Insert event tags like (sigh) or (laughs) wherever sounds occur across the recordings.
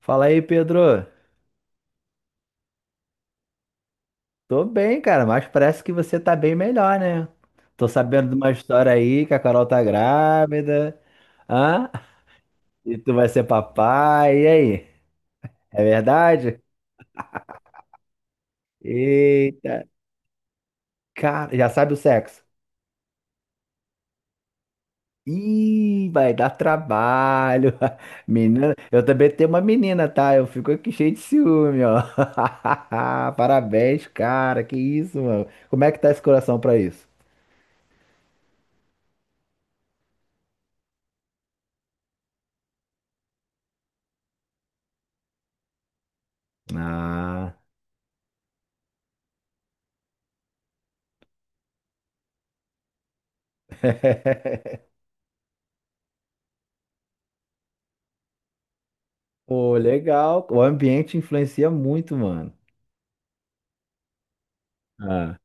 Fala aí, Pedro. Tô bem, cara, mas parece que você tá bem melhor, né? Tô sabendo de uma história aí que a Carol tá grávida. Hã? E tu vai ser papai. E aí? É verdade? Eita. Cara, já sabe o sexo. Ih, vai dar trabalho. (laughs) Menina, eu também tenho uma menina, tá? Eu fico aqui cheio de ciúme, ó. (laughs) Parabéns, cara. Que isso, mano. Como é que tá esse coração pra isso? Ah. (laughs) Pô, legal. O ambiente influencia muito, mano. Ah.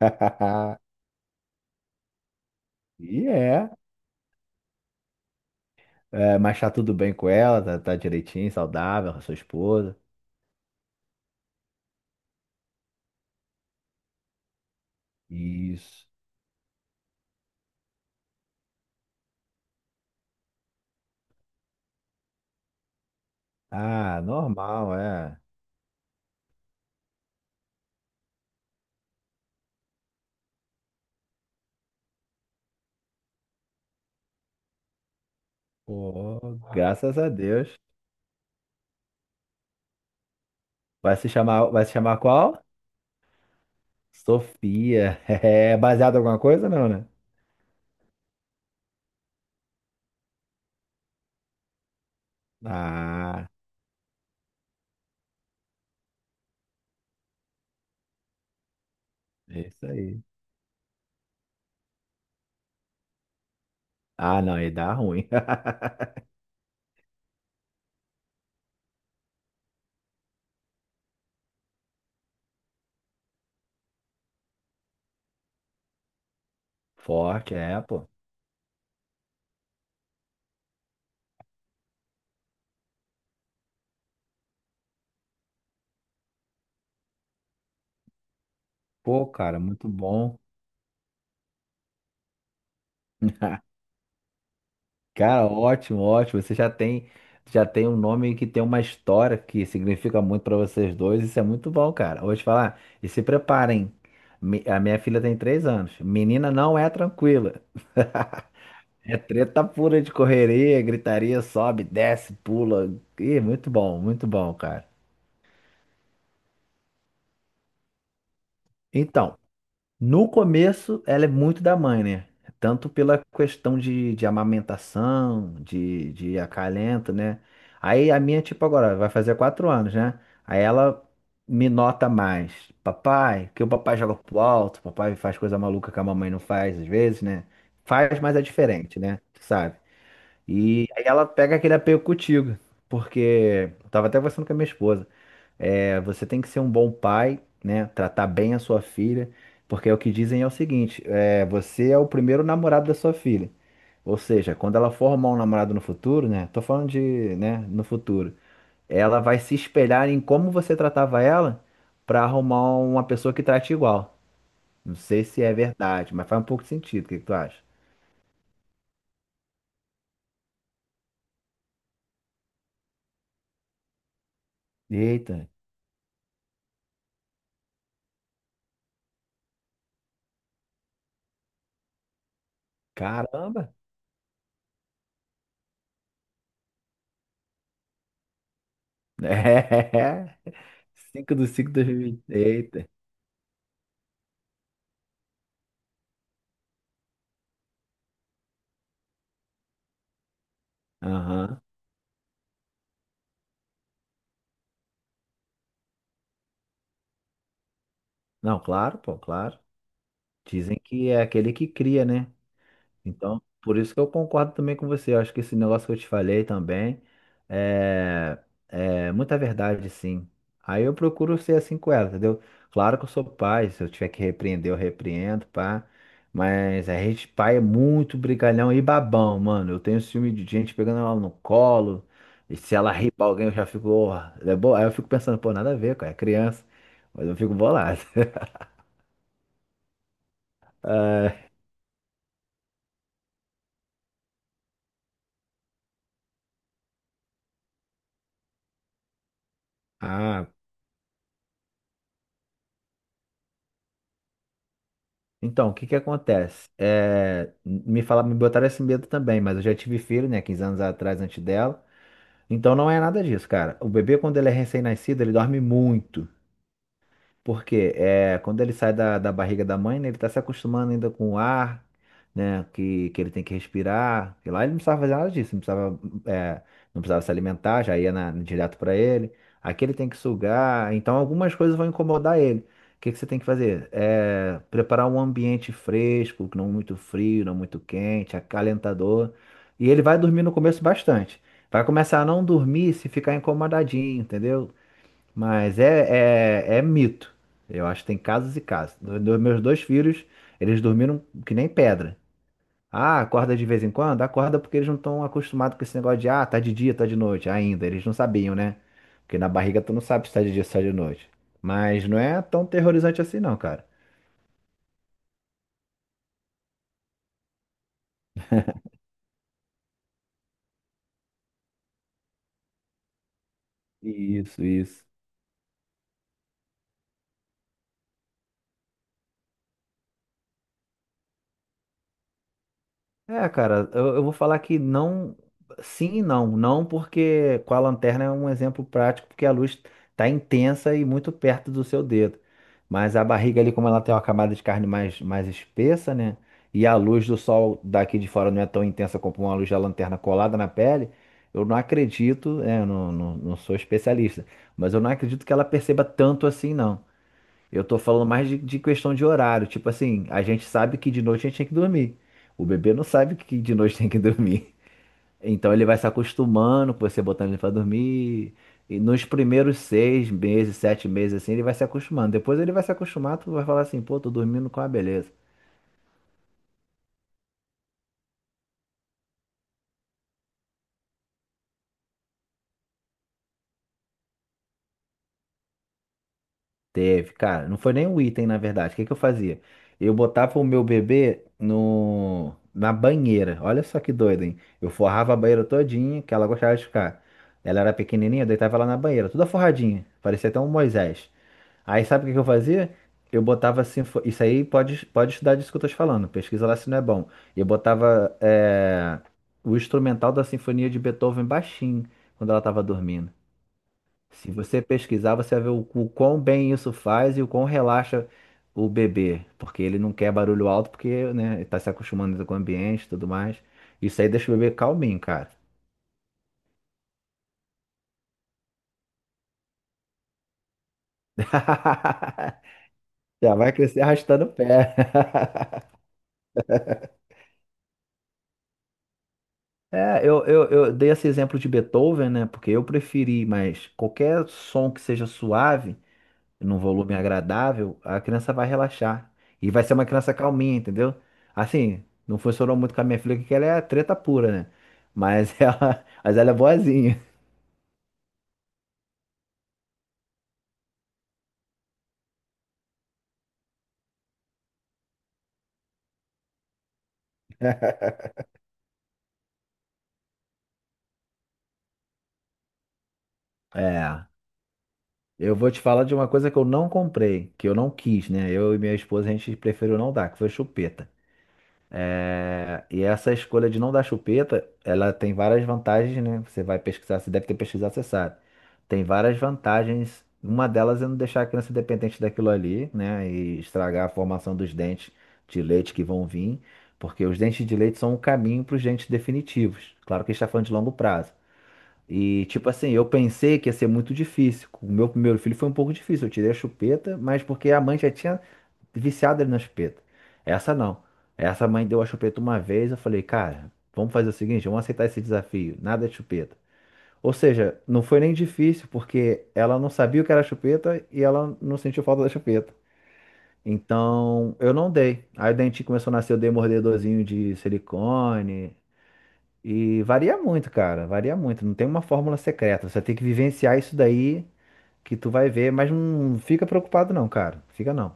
(laughs) E é. É, mas tá tudo bem com ela, tá, tá direitinho, saudável, com a sua esposa. Isso. Ah, normal, é. Pô, graças a Deus. Vai se chamar qual? Sofia. (laughs) É baseado em alguma coisa, não, né? Ah, é isso aí. Ah, não, aí dá ruim. (laughs) Forte, é, pô. Pô, cara, muito bom. Cara, ótimo, ótimo. Você já tem um nome que tem uma história que significa muito pra vocês dois. Isso é muito bom, cara. Vou te falar, e se preparem. A minha filha tem 3 anos. Menina não é tranquila. É treta pura de correria, gritaria, sobe, desce, pula. Ih, muito bom, cara. Então, no começo, ela é muito da mãe, né? Tanto pela questão de amamentação, de acalento, né? Aí a minha, tipo, agora vai fazer 4 anos, né? Aí ela me nota mais. Papai, que o papai joga pro alto, papai faz coisa maluca que a mamãe não faz às vezes, né? Faz, mas é diferente, né? Tu sabe? E aí ela pega aquele apego contigo, porque eu tava até conversando com a minha esposa. É, você tem que ser um bom pai, né? Tratar bem a sua filha, porque é o que dizem é o seguinte: é, você é o primeiro namorado da sua filha. Ou seja, quando ela for arrumar um namorado no futuro, né? Tô falando de, né, no futuro. Ela vai se espelhar em como você tratava ela para arrumar uma pessoa que trate igual. Não sei se é verdade, mas faz um pouco de sentido. O que que tu acha? Eita, caramba! (laughs) É. 5 do 5 do 2020. Eita. Aham. Não, claro, pô, claro. Dizem que é aquele que cria, né? Então, por isso que eu concordo também com você. Eu acho que esse negócio que eu te falei também é, é muita verdade, sim. Aí eu procuro ser assim com ela, entendeu? Claro que eu sou pai, se eu tiver que repreender, eu repreendo, pá. Mas a gente, pai, é muito brigalhão e babão, mano. Eu tenho ciúme de gente pegando ela no colo. E se ela rir pra alguém, eu já fico, "Ó, é boa. Aí eu fico pensando, pô, nada a ver, cara, é criança. Mas eu fico bolado. (laughs) Ah, então, o que que acontece? É, me fala, me botaram esse medo também, mas eu já tive filho, né, 15 anos atrás, antes dela. Então não é nada disso, cara. O bebê, quando ele é recém-nascido, ele dorme muito. Porque é, quando ele sai da barriga da mãe, né, ele está se acostumando ainda com o ar, né, que ele tem que respirar. E lá ele não precisava fazer nada disso, é, não precisava se alimentar, já ia direto para ele. Aqui ele tem que sugar, então algumas coisas vão incomodar ele. O que, que você tem que fazer? É, preparar um ambiente fresco, não muito frio, não muito quente, acalentador. E ele vai dormir no começo bastante. Vai começar a não dormir se ficar incomodadinho, entendeu? Mas é mito. Eu acho que tem casos e casos. Meus dois filhos, eles dormiram que nem pedra. Ah, acorda de vez em quando? Acorda porque eles não estão acostumados com esse negócio de tá de dia, tá de noite ainda. Eles não sabiam, né? Porque na barriga tu não sabe se tá de dia ou se tá de noite. Mas não é tão terrorizante assim, não, cara. Isso, isso. É, cara, eu vou falar que não, sim e não. Não porque com a lanterna é um exemplo prático, porque a luz tá intensa e muito perto do seu dedo. Mas a barriga ali, como ela tem uma camada de carne mais, mais espessa, né? E a luz do sol daqui de fora não é tão intensa como uma luz da lanterna colada na pele. Eu não acredito, é, eu não, não, não sou especialista, mas eu não acredito que ela perceba tanto assim, não. Eu tô falando mais de questão de horário. Tipo assim, a gente sabe que de noite a gente tem que dormir. O bebê não sabe que de noite tem que (laughs) dormir. Então ele vai se acostumando com você botando ele pra dormir. E nos primeiros 6 meses, 7 meses, assim, ele vai se acostumando. Depois ele vai se acostumar, tu vai falar assim, pô, tô dormindo com a beleza. Teve, cara, não foi nem um item, na verdade. O que que eu fazia? Eu botava o meu bebê no, na banheira. Olha só que doido, hein? Eu forrava a banheira todinha, que ela gostava de ficar. Ela era pequenininha, eu deitava ela na banheira, toda forradinha. Parecia até um Moisés. Aí sabe o que que eu fazia? Eu botava assim, isso aí pode, estudar disso que eu tô te falando, pesquisa lá se não é bom. Eu botava o instrumental da Sinfonia de Beethoven baixinho, quando ela tava dormindo. Se você pesquisar, você vai ver o quão bem isso faz e o quão relaxa o bebê, porque ele não quer barulho alto, porque, né, ele tá se acostumando com o ambiente e tudo mais. Isso aí deixa o bebê calminho, cara. (laughs) Já vai crescer arrastando o pé. (laughs) É, eu dei esse exemplo de Beethoven, né? Porque eu preferi, mas qualquer som que seja suave, num volume agradável, a criança vai relaxar. E vai ser uma criança calminha, entendeu? Assim, não funcionou muito com a minha filha, porque ela é treta pura, né? Mas (laughs) mas ela é boazinha. É. Eu vou te falar de uma coisa que eu não comprei, que eu não quis, né? Eu e minha esposa, a gente preferiu não dar, que foi chupeta. É, e essa escolha de não dar chupeta, ela tem várias vantagens, né? Você vai pesquisar, você deve ter pesquisado, você sabe. Tem várias vantagens. Uma delas é não deixar a criança dependente daquilo ali, né? E estragar a formação dos dentes de leite que vão vir, porque os dentes de leite são o caminho para os dentes definitivos. Claro que a gente está falando de longo prazo. E, tipo assim, eu pensei que ia ser muito difícil. O meu primeiro filho foi um pouco difícil. Eu tirei a chupeta, mas porque a mãe já tinha viciado ali na chupeta. Essa não. Essa mãe deu a chupeta uma vez, eu falei, cara, vamos fazer o seguinte, vamos aceitar esse desafio, nada de chupeta. Ou seja, não foi nem difícil, porque ela não sabia o que era chupeta e ela não sentiu falta da chupeta. Então, eu não dei. Aí o dentinho começou a nascer, eu dei mordedorzinho de silicone. E varia muito, cara, varia muito. Não tem uma fórmula secreta. Você tem que vivenciar isso daí que tu vai ver, mas não fica preocupado não, cara. Fica não.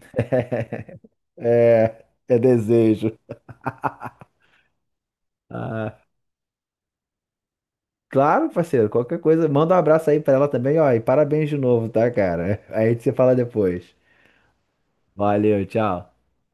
(laughs) É desejo. Ah, claro, parceiro, qualquer coisa, manda um abraço aí pra ela também, ó, e parabéns de novo, tá, cara? (laughs) Aí você fala depois. Valeu, tchau.